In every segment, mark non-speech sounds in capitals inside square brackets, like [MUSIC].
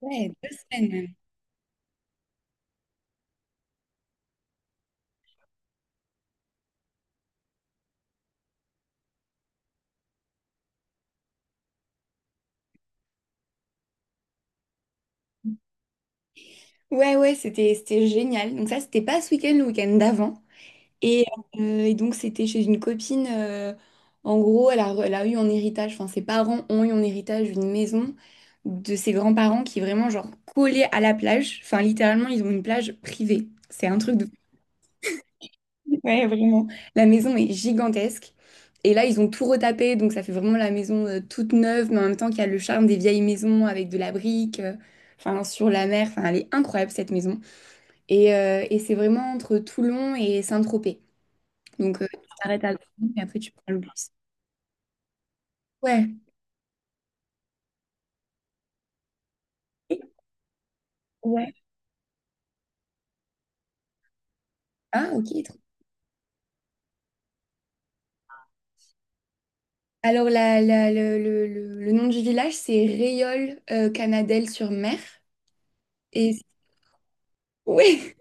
Ouais, deux semaines même. Ouais, ouais, c'était génial. Donc ça, c'était pas ce week-end, le week-end d'avant. Et, et donc, c'était chez une copine. En gros, elle a eu en héritage, enfin, ses parents ont eu en héritage une maison de ses grands-parents qui est vraiment, genre, collée à la plage. Enfin, littéralement, ils ont une plage privée. C'est un truc de... Ouais, vraiment. La maison est gigantesque. Et là, ils ont tout retapé, donc ça fait vraiment la maison toute neuve, mais en même temps qu'il y a le charme des vieilles maisons avec de la brique, enfin sur la mer. Enfin, elle est incroyable cette maison. Et c'est vraiment entre Toulon et Saint-Tropez. Donc tu t'arrêtes à Toulon et après tu prends le bus. Ouais. Ouais. Ah, ok. Alors le nom du village, c'est Réole Canadelle-sur-Mer. Et ouais.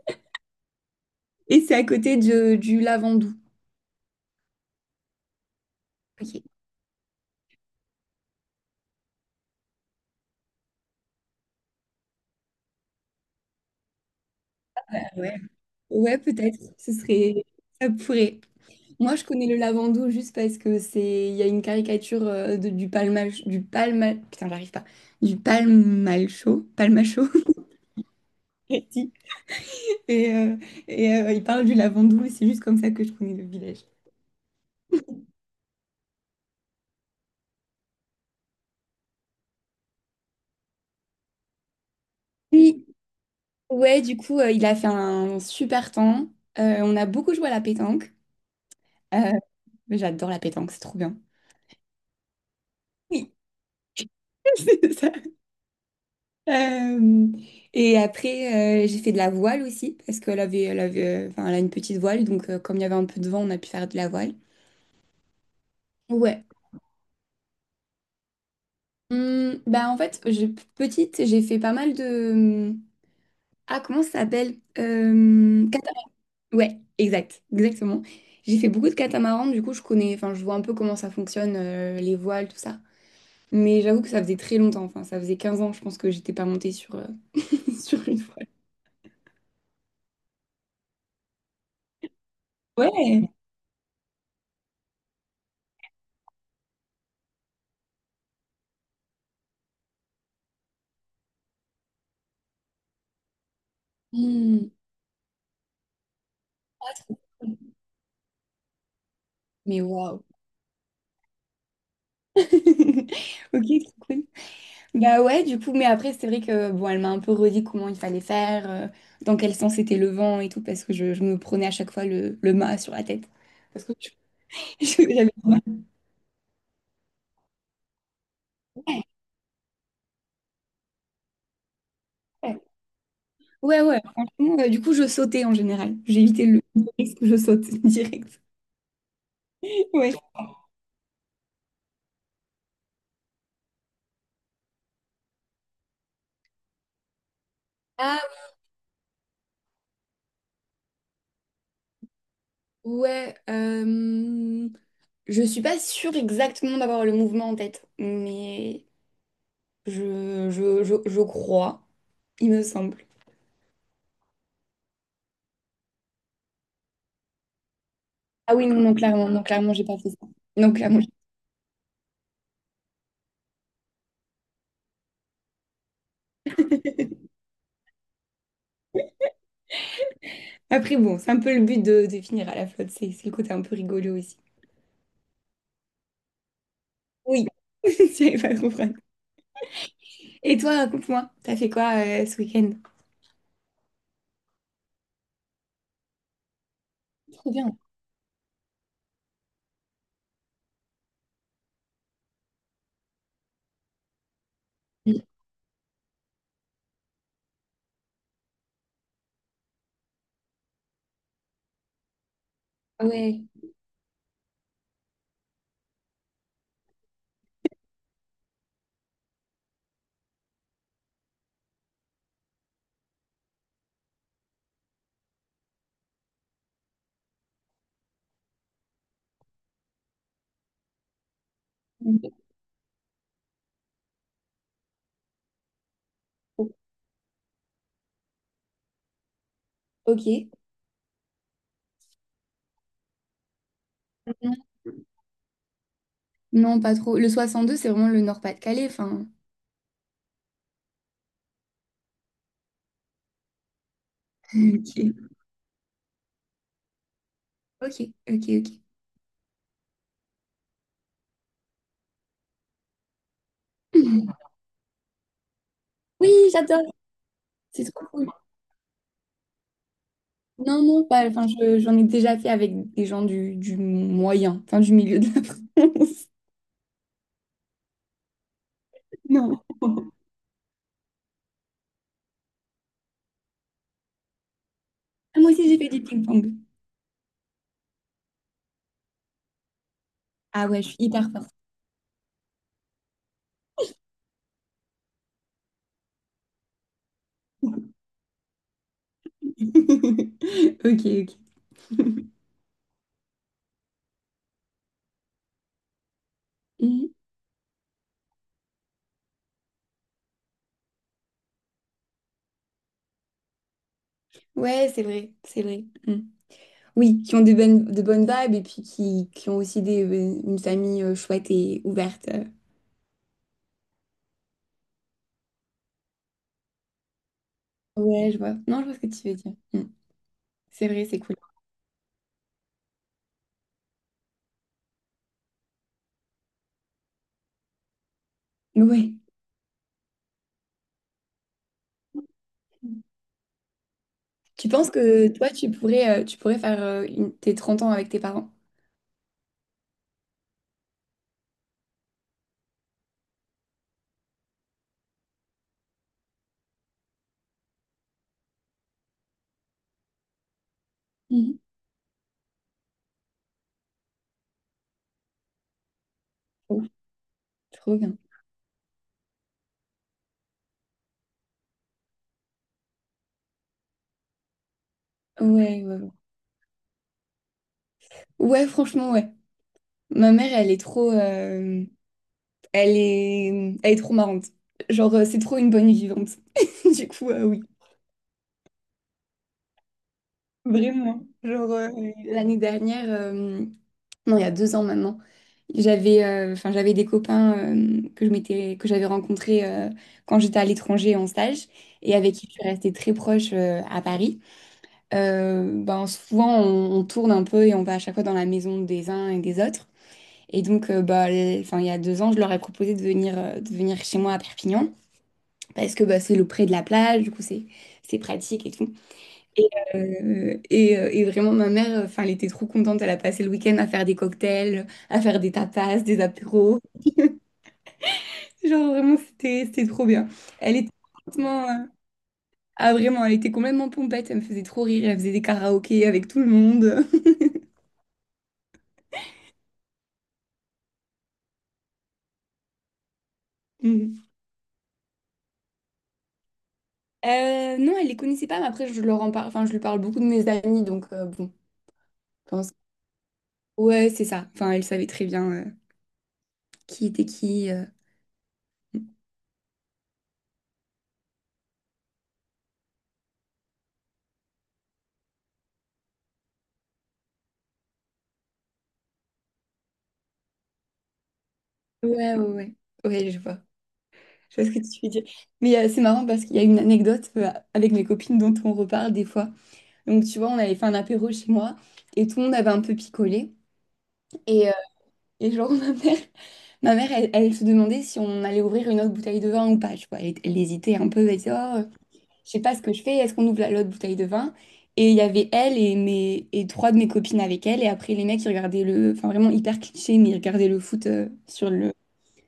Et c'est à côté du Lavandou. Ok. Ouais, peut-être. Ça pourrait. Moi, je connais le Lavandou juste parce que c'est, il y a une caricature du palma, putain, j'arrive pas, du palmalcho, palmacho. [LAUGHS] Et, euh, il parle du Lavandou. Et c'est juste comme ça que je connais le village. Oui. Ouais, du coup, il a fait un super temps. On a beaucoup joué à la pétanque. Euh, J'adore la pétanque, c'est trop bien. Oui. [LAUGHS] ça Euh, et après, j'ai fait de la voile aussi, parce elle avait, enfin, elle a une petite voile, donc comme il y avait un peu de vent, on a pu faire de la voile. Ouais. Bah en fait, petite, j'ai fait pas mal de... hum, Ah, comment ça s'appelle? Cata- Ouais, exactement. J'ai fait beaucoup de catamarans, du coup, je connais, enfin, je vois un peu comment ça fonctionne, les voiles, tout ça. Mais j'avoue que ça faisait très longtemps, enfin, ça faisait 15 ans, je pense que j'étais pas montée sur, [LAUGHS] sur une voile. Ouais. Hum. Ah, trop cool. Mais waouh. [LAUGHS] Ok, trop cool. Bah ouais, du coup, mais après, c'est vrai que bon, elle m'a un peu redit comment il fallait faire, dans quel sens était le vent et tout, parce que je me prenais à chaque fois le mât sur la tête. Parce que je- [LAUGHS] j'avais. Ouais, ouais, ouais, franchement, du coup, je sautais en général. J'évitais le risque, je saute [LAUGHS] direct. Ouais. Ah ouais, je suis pas sûre exactement d'avoir le mouvement en tête, mais je crois. Il me semble. Ah oui, non, non, clairement, non, clairement, j'ai pas fait ça. Non, clairement. Après, bon, c'est un peu le but de finir à la flotte, c'est le côté un peu rigolo aussi. Oui, [LAUGHS] j'avais pas compris. Et toi, raconte-moi, t'as fait quoi ce week-end? Trop bien. Ah ouais. Ok. Non, non, pas trop. Le 62, c'est vraiment le Nord-Pas-de-Calais, enfin. Ok, ok, ok. Ok. Oui, j'adore. C'est trop cool. Non, non, pas. Enfin, j'en ai déjà fait avec des gens du moyen, enfin du milieu de la France. [LAUGHS] Non. Ah, moi aussi, j'ai fait du ping-pong. Ah ouais, je suis hyper forte. [LAUGHS] Ok, ok. [LAUGHS] Mm. Ouais, c'est vrai, c'est vrai. Mm. Oui, qui ont de bonnes vibes et puis qui ont aussi des, une famille chouette et ouverte. Ouais, je vois. Non, je vois ce que tu veux dire. Mm. C'est vrai, c'est cool. Ouais. Tu penses que toi, tu pourrais faire tes 30 ans avec tes parents? Mhm. Oh, trop bien. Ouais, ouais, ouais. Ouais, franchement, ouais. Ma mère, elle est trop... Elle est, elle est trop marrante. Genre, c'est trop une bonne vivante. [LAUGHS] Du coup, oui, vraiment. Genre, l'année dernière, non, il y a 2 ans maintenant, j'avais enfin, j'avais des copains que que j'avais rencontrés quand j'étais à l'étranger en stage et avec qui je suis restée très proche à Paris. Ben, souvent, on tourne un peu et on va à chaque fois dans la maison des uns et des autres. Et donc, bah, enfin, il y a 2 ans, je leur ai proposé de venir chez moi à Perpignan. Parce que bah, c'est le près de la plage, du coup c'est pratique et tout. Et, et vraiment ma mère, enfin, elle était trop contente, elle a passé le week-end à faire des cocktails, à faire des tapas, des apéros. Genre vraiment c'était trop bien. Elle était complètement, ah vraiment, elle était complètement pompette, elle me faisait trop rire, elle faisait des karaokés avec tout le monde. [LAUGHS] Mhm. Non, elle les connaissait pas, mais après je leur en parle, enfin je lui parle beaucoup de mes amis, donc bon, je pense. Ouais, c'est ça. Enfin, elle savait très bien qui était qui. Ouais, ouais, ouais. Ouais, je vois. Je vois ce que tu veux dire. Mais c'est marrant parce qu'il y a une anecdote avec mes copines dont on reparle des fois. Donc, tu vois, on avait fait un apéro chez moi et tout le monde avait un peu picolé. Et, euh, et genre, [LAUGHS] ma mère, elle se demandait si on allait ouvrir une autre bouteille de vin ou pas. Tu vois, elle hésitait un peu, elle disait, oh, je sais pas ce que je fais, est-ce qu'on ouvre l'autre bouteille de vin? Et il y avait elle et 3 de mes copines avec elle. Et après, les mecs, ils regardaient le... Enfin, vraiment hyper cliché, mais ils regardaient le foot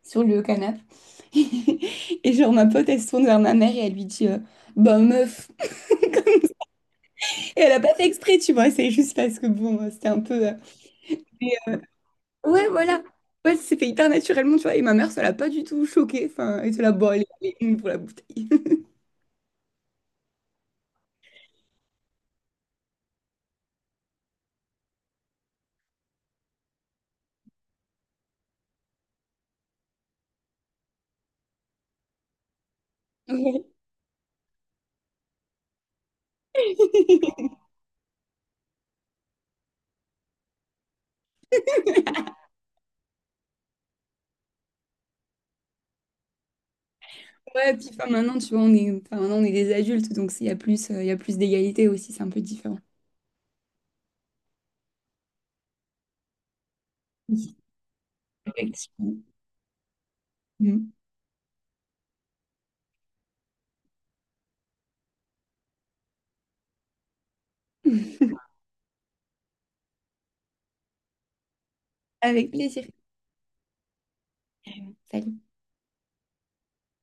sur le canapé. [LAUGHS] Et genre, ma pote, elle se tourne vers ma mère et elle lui dit, bah meuf. Et elle a pas fait exprès, tu vois, c'est juste parce que, bon, c'était un peu... Ouais, voilà. Ouais, c'est fait hyper naturellement, tu vois. Et ma mère, ça l'a pas du tout choquée. Enfin, elle était là, bon, allez, allez, une pour la bouteille. [LAUGHS] Ouais. Ouais, puis enfin, maintenant, tu vois, on est, enfin, maintenant, on est des adultes, donc il y a plus, il y a plus d'égalité aussi, c'est un peu différent. Oui, effectivement. Mhm. Avec plaisir. Salut.